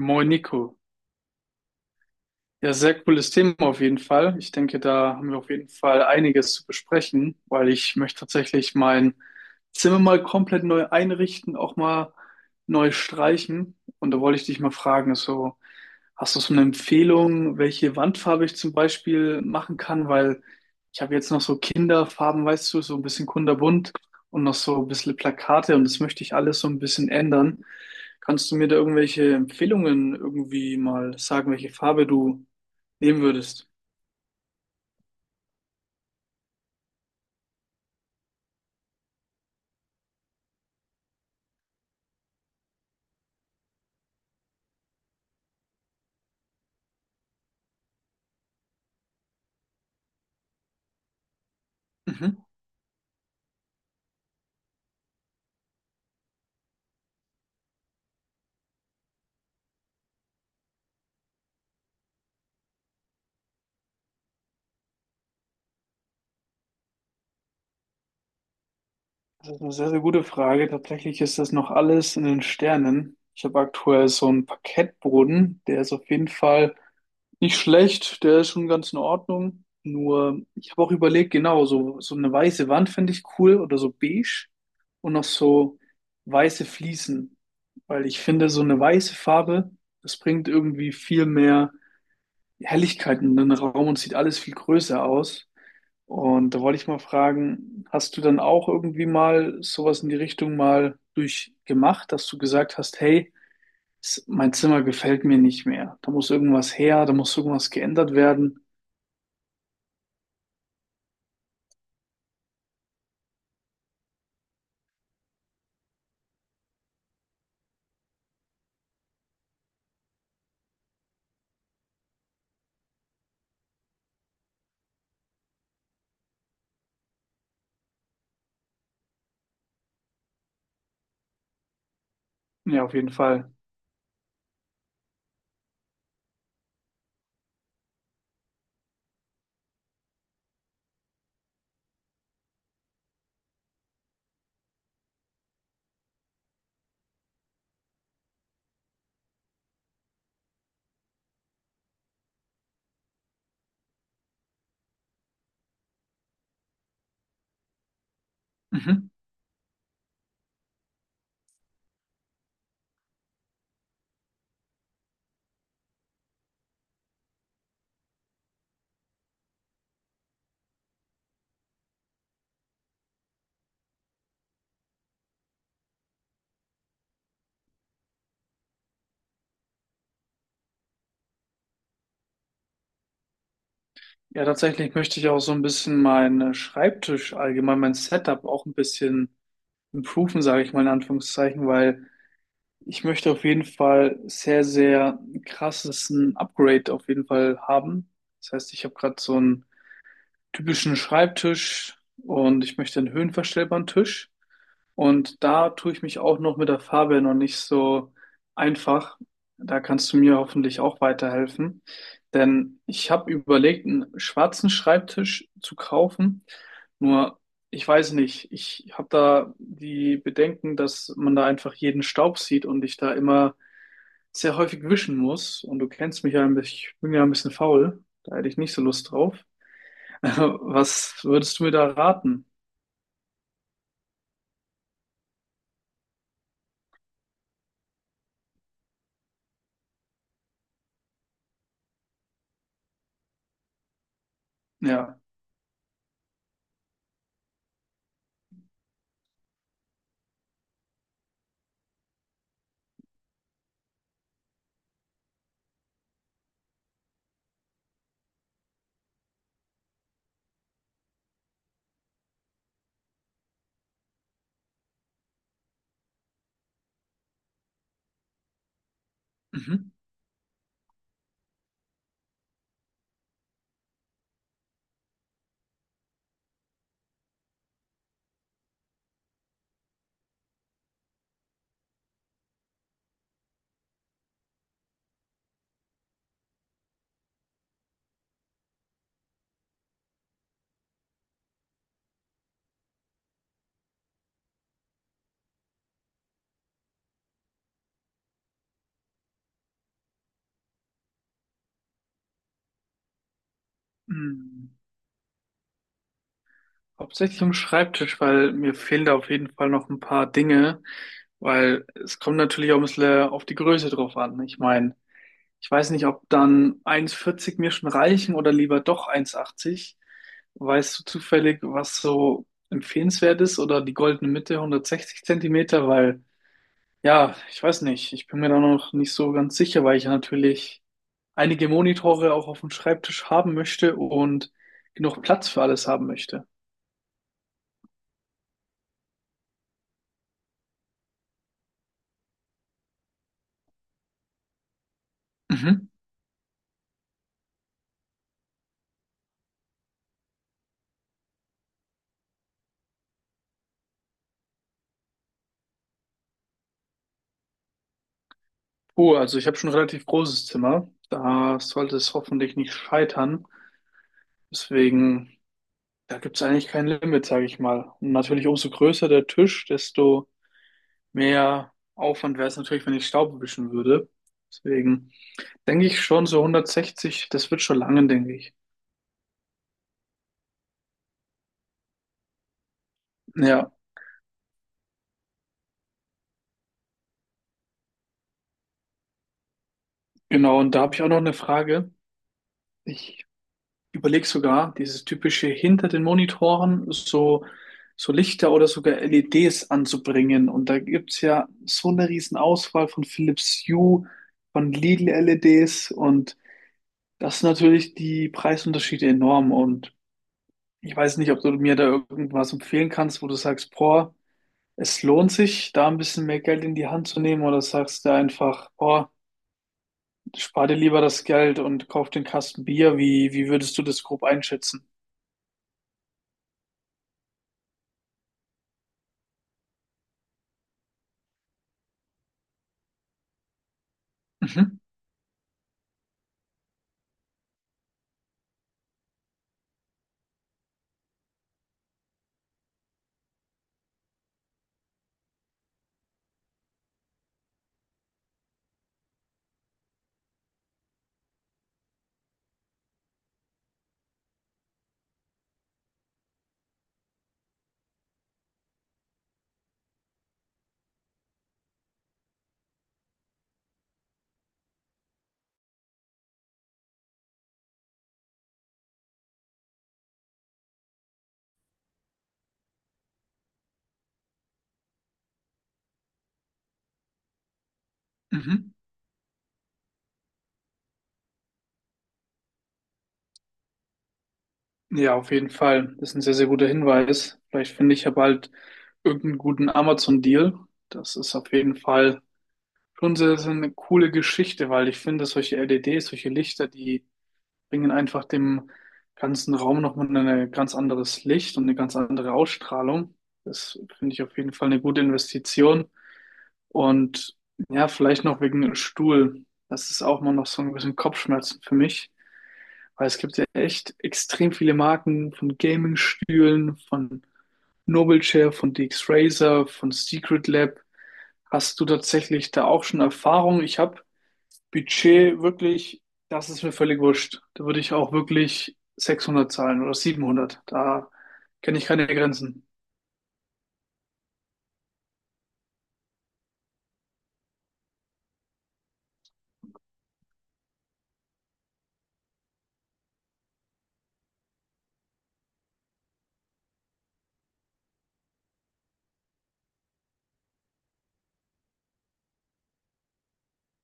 Monaco, ja, sehr cooles Thema auf jeden Fall. Ich denke, da haben wir auf jeden Fall einiges zu besprechen, weil ich möchte tatsächlich mein Zimmer mal komplett neu einrichten, auch mal neu streichen. Und da wollte ich dich mal fragen, so, hast du so eine Empfehlung, welche Wandfarbe ich zum Beispiel machen kann? Weil ich habe jetzt noch so Kinderfarben, weißt du, so ein bisschen kunterbunt und noch so ein bisschen Plakate und das möchte ich alles so ein bisschen ändern. Kannst du mir da irgendwelche Empfehlungen irgendwie mal sagen, welche Farbe du nehmen würdest? Mhm. Das ist eine sehr, sehr gute Frage. Tatsächlich ist das noch alles in den Sternen. Ich habe aktuell so einen Parkettboden, der ist auf jeden Fall nicht schlecht, der ist schon ganz in Ordnung. Nur, ich habe auch überlegt, genau, so, so eine weiße Wand finde ich cool oder so beige und noch so weiße Fliesen, weil ich finde, so eine weiße Farbe, das bringt irgendwie viel mehr Helligkeit in den Raum und sieht alles viel größer aus. Und da wollte ich mal fragen, hast du dann auch irgendwie mal sowas in die Richtung mal durchgemacht, dass du gesagt hast, hey, mein Zimmer gefällt mir nicht mehr. Da muss irgendwas her, da muss irgendwas geändert werden. Ja, auf jeden Fall. Mhm. Ja, tatsächlich möchte ich auch so ein bisschen meinen Schreibtisch allgemein, mein Setup auch ein bisschen improven, sage ich mal in Anführungszeichen, weil ich möchte auf jeden Fall sehr, sehr krasses ein Upgrade auf jeden Fall haben. Das heißt, ich habe gerade so ein typischen Schreibtisch und ich möchte einen höhenverstellbaren Tisch. Und da tue ich mich auch noch mit der Farbe noch nicht so einfach. Da kannst du mir hoffentlich auch weiterhelfen. Denn ich habe überlegt, einen schwarzen Schreibtisch zu kaufen. Nur, ich weiß nicht, ich habe da die Bedenken, dass man da einfach jeden Staub sieht und ich da immer sehr häufig wischen muss. Und du kennst mich ja ein bisschen, ich bin ja ein bisschen faul. Da hätte ich nicht so Lust drauf. Was würdest du mir da raten? Ja. Mhm. Hm. Hauptsächlich am Schreibtisch, weil mir fehlen da auf jeden Fall noch ein paar Dinge, weil es kommt natürlich auch ein bisschen auf die Größe drauf an. Ich meine, ich weiß nicht, ob dann 1,40 mir schon reichen oder lieber doch 1,80. Weißt du zufällig, was so empfehlenswert ist oder die goldene Mitte 160 Zentimeter? Weil, ja, ich weiß nicht, ich bin mir da noch nicht so ganz sicher, weil ich ja natürlich einige Monitore auch auf dem Schreibtisch haben möchte und genug Platz für alles haben möchte. Mhm. Oh, also ich habe schon ein relativ großes Zimmer. Da sollte es hoffentlich nicht scheitern. Deswegen, da gibt es eigentlich kein Limit, sage ich mal. Und natürlich, umso größer der Tisch, desto mehr Aufwand wäre es natürlich, wenn ich Staub wischen würde. Deswegen denke ich schon, so 160, das wird schon lange, denke ich. Ja, genau. Und da habe ich auch noch eine Frage. Ich überlege sogar, dieses typische hinter den Monitoren so, so Lichter oder sogar LEDs anzubringen. Und da gibt's ja so eine riesen Auswahl von Philips Hue, von Lidl LEDs und das sind natürlich die Preisunterschiede enorm. Und ich weiß nicht, ob du mir da irgendwas empfehlen kannst, wo du sagst, boah, es lohnt sich, da ein bisschen mehr Geld in die Hand zu nehmen oder sagst du einfach, boah, spar dir lieber das Geld und kauf den Kasten Bier. Wie würdest du das grob einschätzen? Mhm. Mhm. Ja, auf jeden Fall. Das ist ein sehr, sehr guter Hinweis. Vielleicht finde ich ja bald irgendeinen guten Amazon-Deal. Das ist auf jeden Fall schon sehr, sehr eine coole Geschichte, weil ich finde, solche LEDs, solche Lichter, die bringen einfach dem ganzen Raum nochmal ein ganz anderes Licht und eine ganz andere Ausstrahlung. Das finde ich auf jeden Fall eine gute Investition. Und ja, vielleicht noch wegen Stuhl. Das ist auch mal noch so ein bisschen Kopfschmerzen für mich. Weil es gibt ja echt extrem viele Marken von Gaming-Stühlen, von Noble Chair, von DX Razer, von Secret Lab. Hast du tatsächlich da auch schon Erfahrung? Ich habe Budget wirklich, das ist mir völlig wurscht. Da würde ich auch wirklich 600 zahlen oder 700. Da kenne ich keine Grenzen.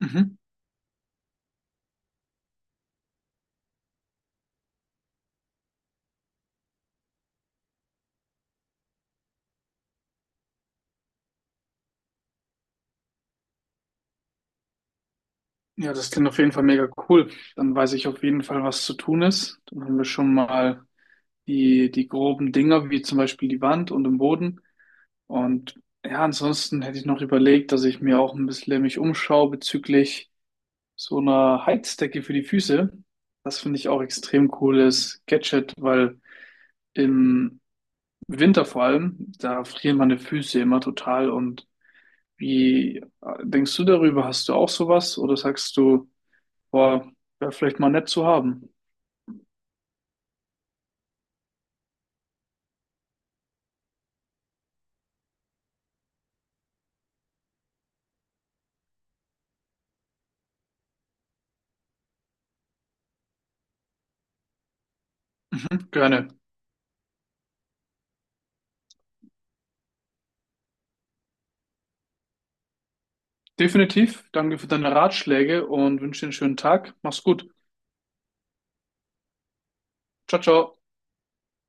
Mhm. Ja, das klingt auf jeden Fall mega cool. Dann weiß ich auf jeden Fall, was zu tun ist. Dann haben wir schon mal die groben Dinger, wie zum Beispiel die Wand und den Boden. Und ja, ansonsten hätte ich noch überlegt, dass ich mir auch ein bisschen mich umschaue bezüglich so einer Heizdecke für die Füße. Das finde ich auch extrem cooles Gadget, weil im Winter vor allem, da frieren meine Füße immer total. Und wie denkst du darüber? Hast du auch sowas? Oder sagst du, boah, wäre vielleicht mal nett zu haben? Mhm, gerne. Definitiv. Danke für deine Ratschläge und wünsche dir einen schönen Tag. Mach's gut. Ciao, ciao.